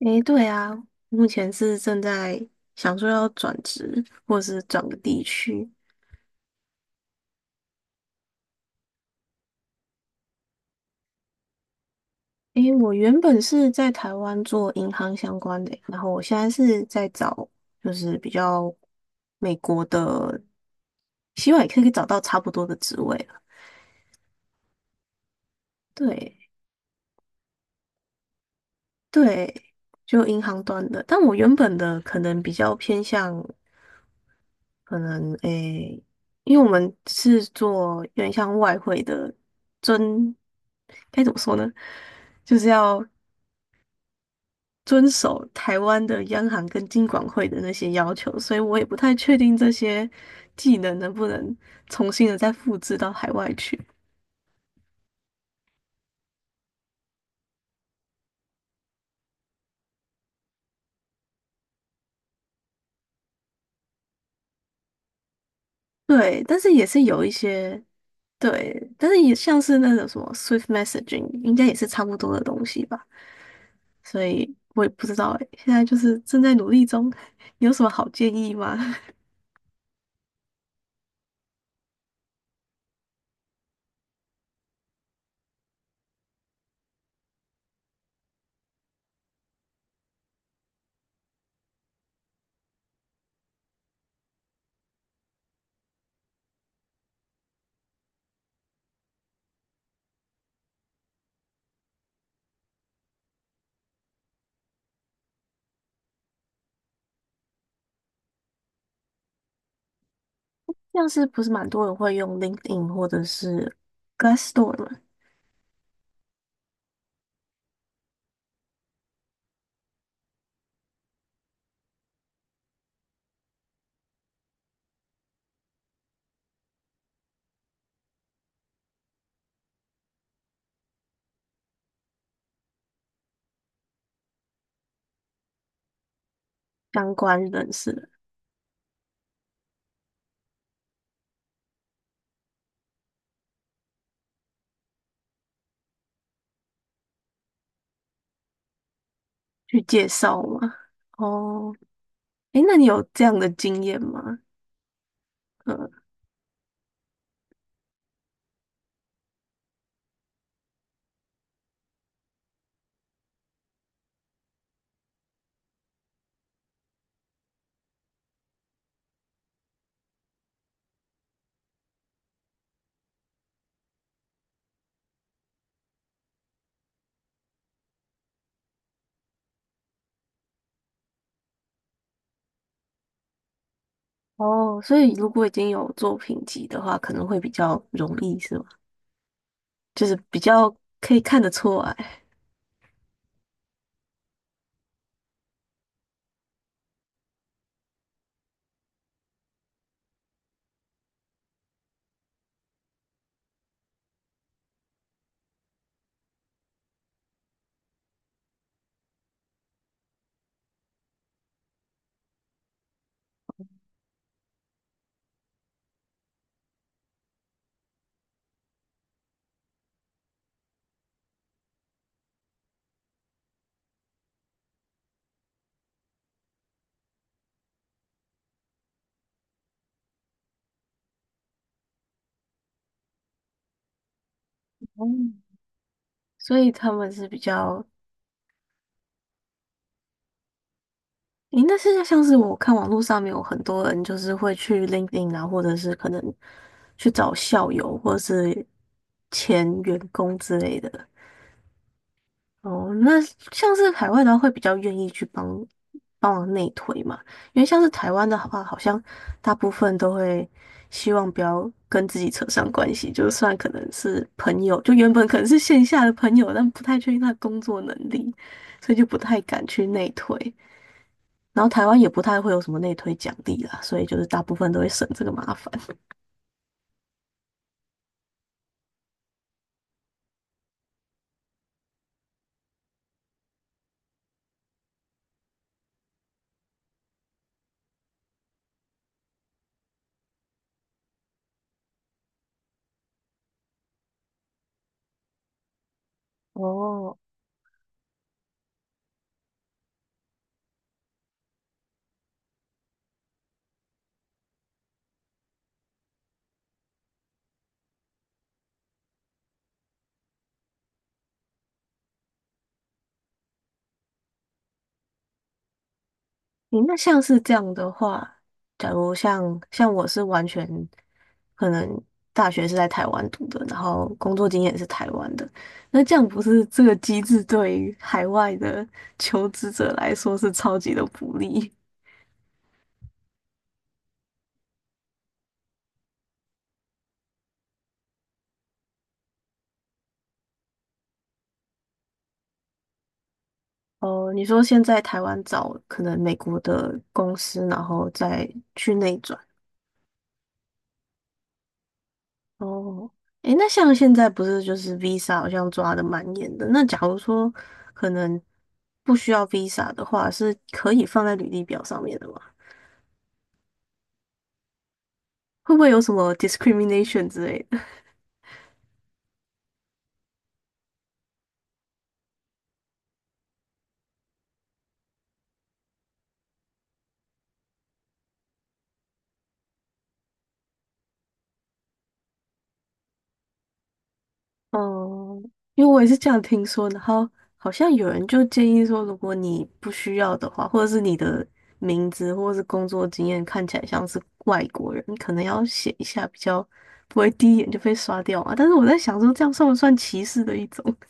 诶，对啊，目前是正在想说要转职，或是转个地区。诶，我原本是在台湾做银行相关的，然后我现在是在找，就是比较美国的，希望也可以找到差不多的职位了。对对，就银行端的，但我原本的可能比较偏向。可能诶，因为我们是做有点像外汇的遵，该怎么说呢？就是要遵守台湾的央行跟金管会的那些要求，所以我也不太确定这些技能能不能重新的再复制到海外去。对，但是也是有一些对，但是也像是那种什么 Swift messaging,应该也是差不多的东西吧。所以我也不知道诶，现在就是正在努力中，有什么好建议吗？像是不是蛮多人会用 LinkedIn 或者是 Glassdoor 嘛相关人士去介绍嘛？哦，诶，那你有这样的经验吗？嗯，哦，所以如果已经有作品集的话，可能会比较容易是吗？就是比较可以看得出来。哦，所以他们是比较，诶，那现在像是我看网络上面有很多人就是会去 LinkedIn 啊，或者是可能去找校友或者是前员工之类的，哦，那像是海外的话，会比较愿意去帮帮忙内推嘛，因为像是台湾的话，好像大部分都会希望不要跟自己扯上关系，就算可能是朋友，就原本可能是线下的朋友，但不太确定他的工作能力，所以就不太敢去内推。然后台湾也不太会有什么内推奖励啦，所以就是大部分都会省这个麻烦。哦你那像是这样的话，假如像我是完全可能大学是在台湾读的，然后工作经验是台湾的，那这样不是这个机制对于海外的 求职者来说是超级的不利哦？你说现在台湾找可能美国的公司，然后再去内转。哦，诶，那像现在不是就是 Visa 好像抓的蛮严的，那假如说可能不需要 Visa 的话，是可以放在履历表上面的吗？会不会有什么 discrimination 之类的？哦，因为我也是这样听说，然后好像有人就建议说，如果你不需要的话，或者是你的名字或者是工作经验看起来像是外国人，你可能要写一下，比较不会第一眼就被刷掉啊。但是我在想说，这样算不算歧视的一种？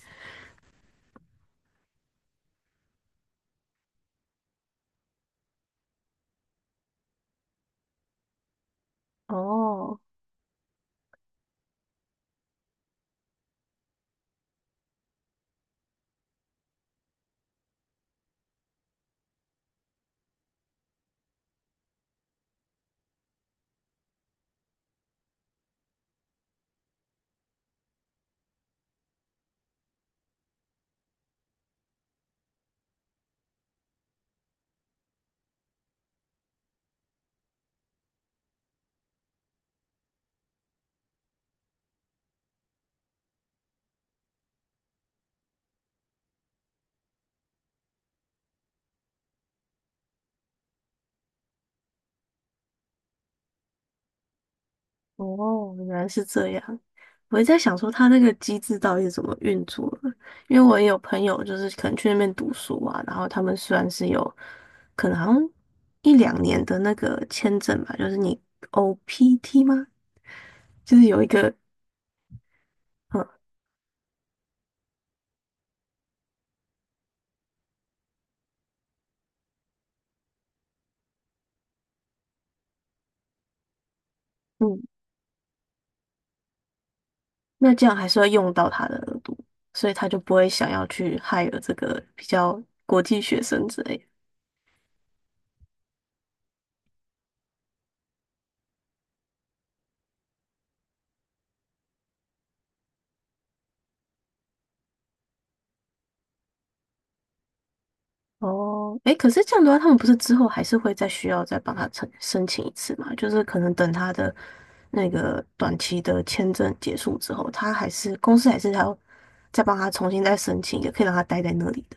哦，哦，原来是这样。我也在想说，他那个机制到底是怎么运作的？因为我也有朋友，就是可能去那边读书啊，然后他们虽然是有可能好像一两年的那个签证吧，就是你 OPT 吗？就是有一个，嗯嗯，那这样还是要用到他的额度，所以他就不会想要去害了这个比较国际学生之类的哦，哎，可是这样的话，他们不是之后还是会再需要再帮他申请一次嘛？就是可能等他的那个短期的签证结束之后，他还是公司还是还要再帮他重新再申请一个可以让他待在那里的。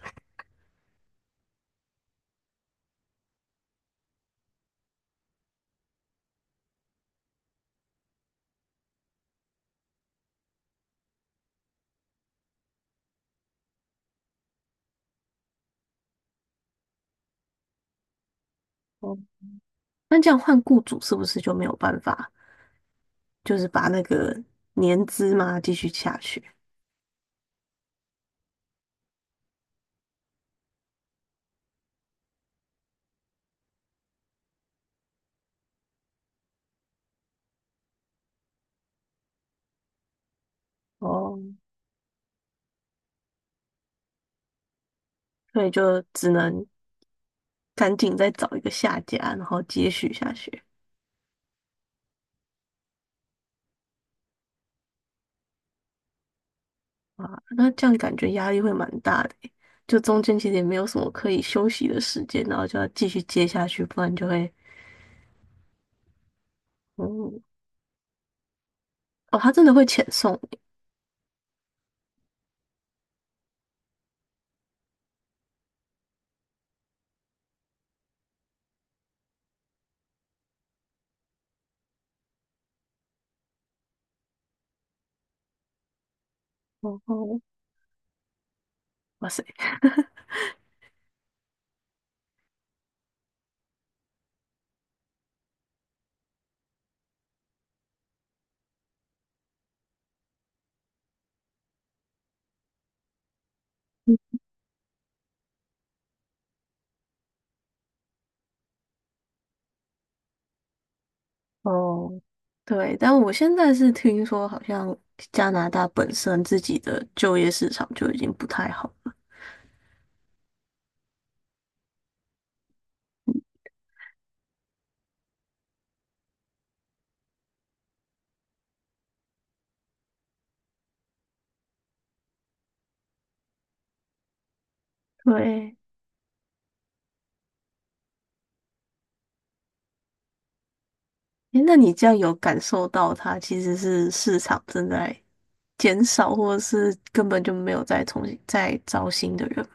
哦，那这样换雇主是不是就没有办法，就是把那个年资嘛继续下去？哦，所以就只能赶紧再找一个下家，然后接续下去。啊，那这样感觉压力会蛮大的欸就中间其实也没有什么可以休息的时间，然后就要继续接下去，不然就会，嗯，哦，他真的会遣送你哦哦，哇塞，哦，对，但我现在是听说好像加拿大本身自己的就业市场就已经不太好了，对，诶，那你这样有感受到它其实是市场正在减少，或者是根本就没有再重新再招新的人？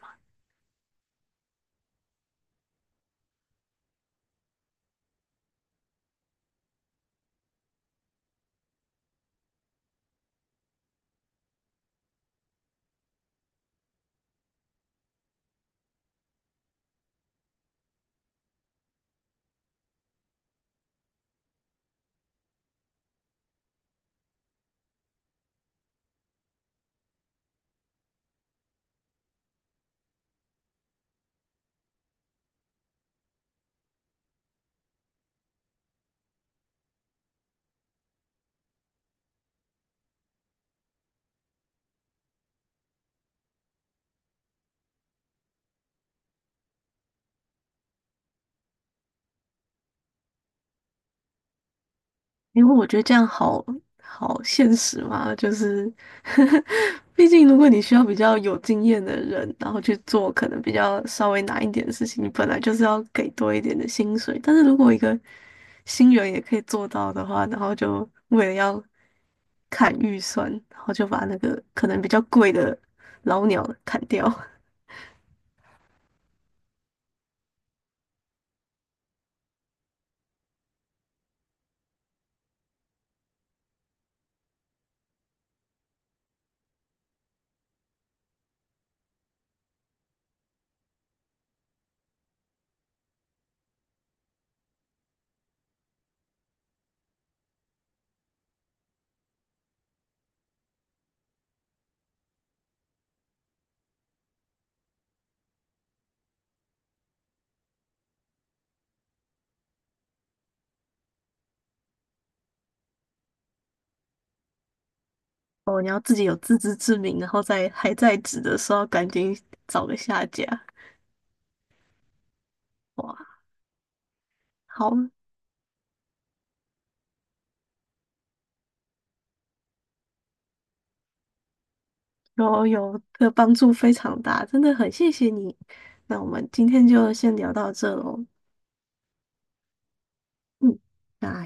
因为我觉得这样好现实嘛，就是，毕竟如果你需要比较有经验的人，然后去做可能比较稍微难一点的事情，你本来就是要给多一点的薪水。但是如果一个新人也可以做到的话，然后就为了要砍预算，然后就把那个可能比较贵的老鸟砍掉。哦，你要自己有自知之明，然后在还在职的时候赶紧找个下家。哇，好，有的帮助非常大，真的很谢谢你。那我们今天就先聊到这喽，嗯，那。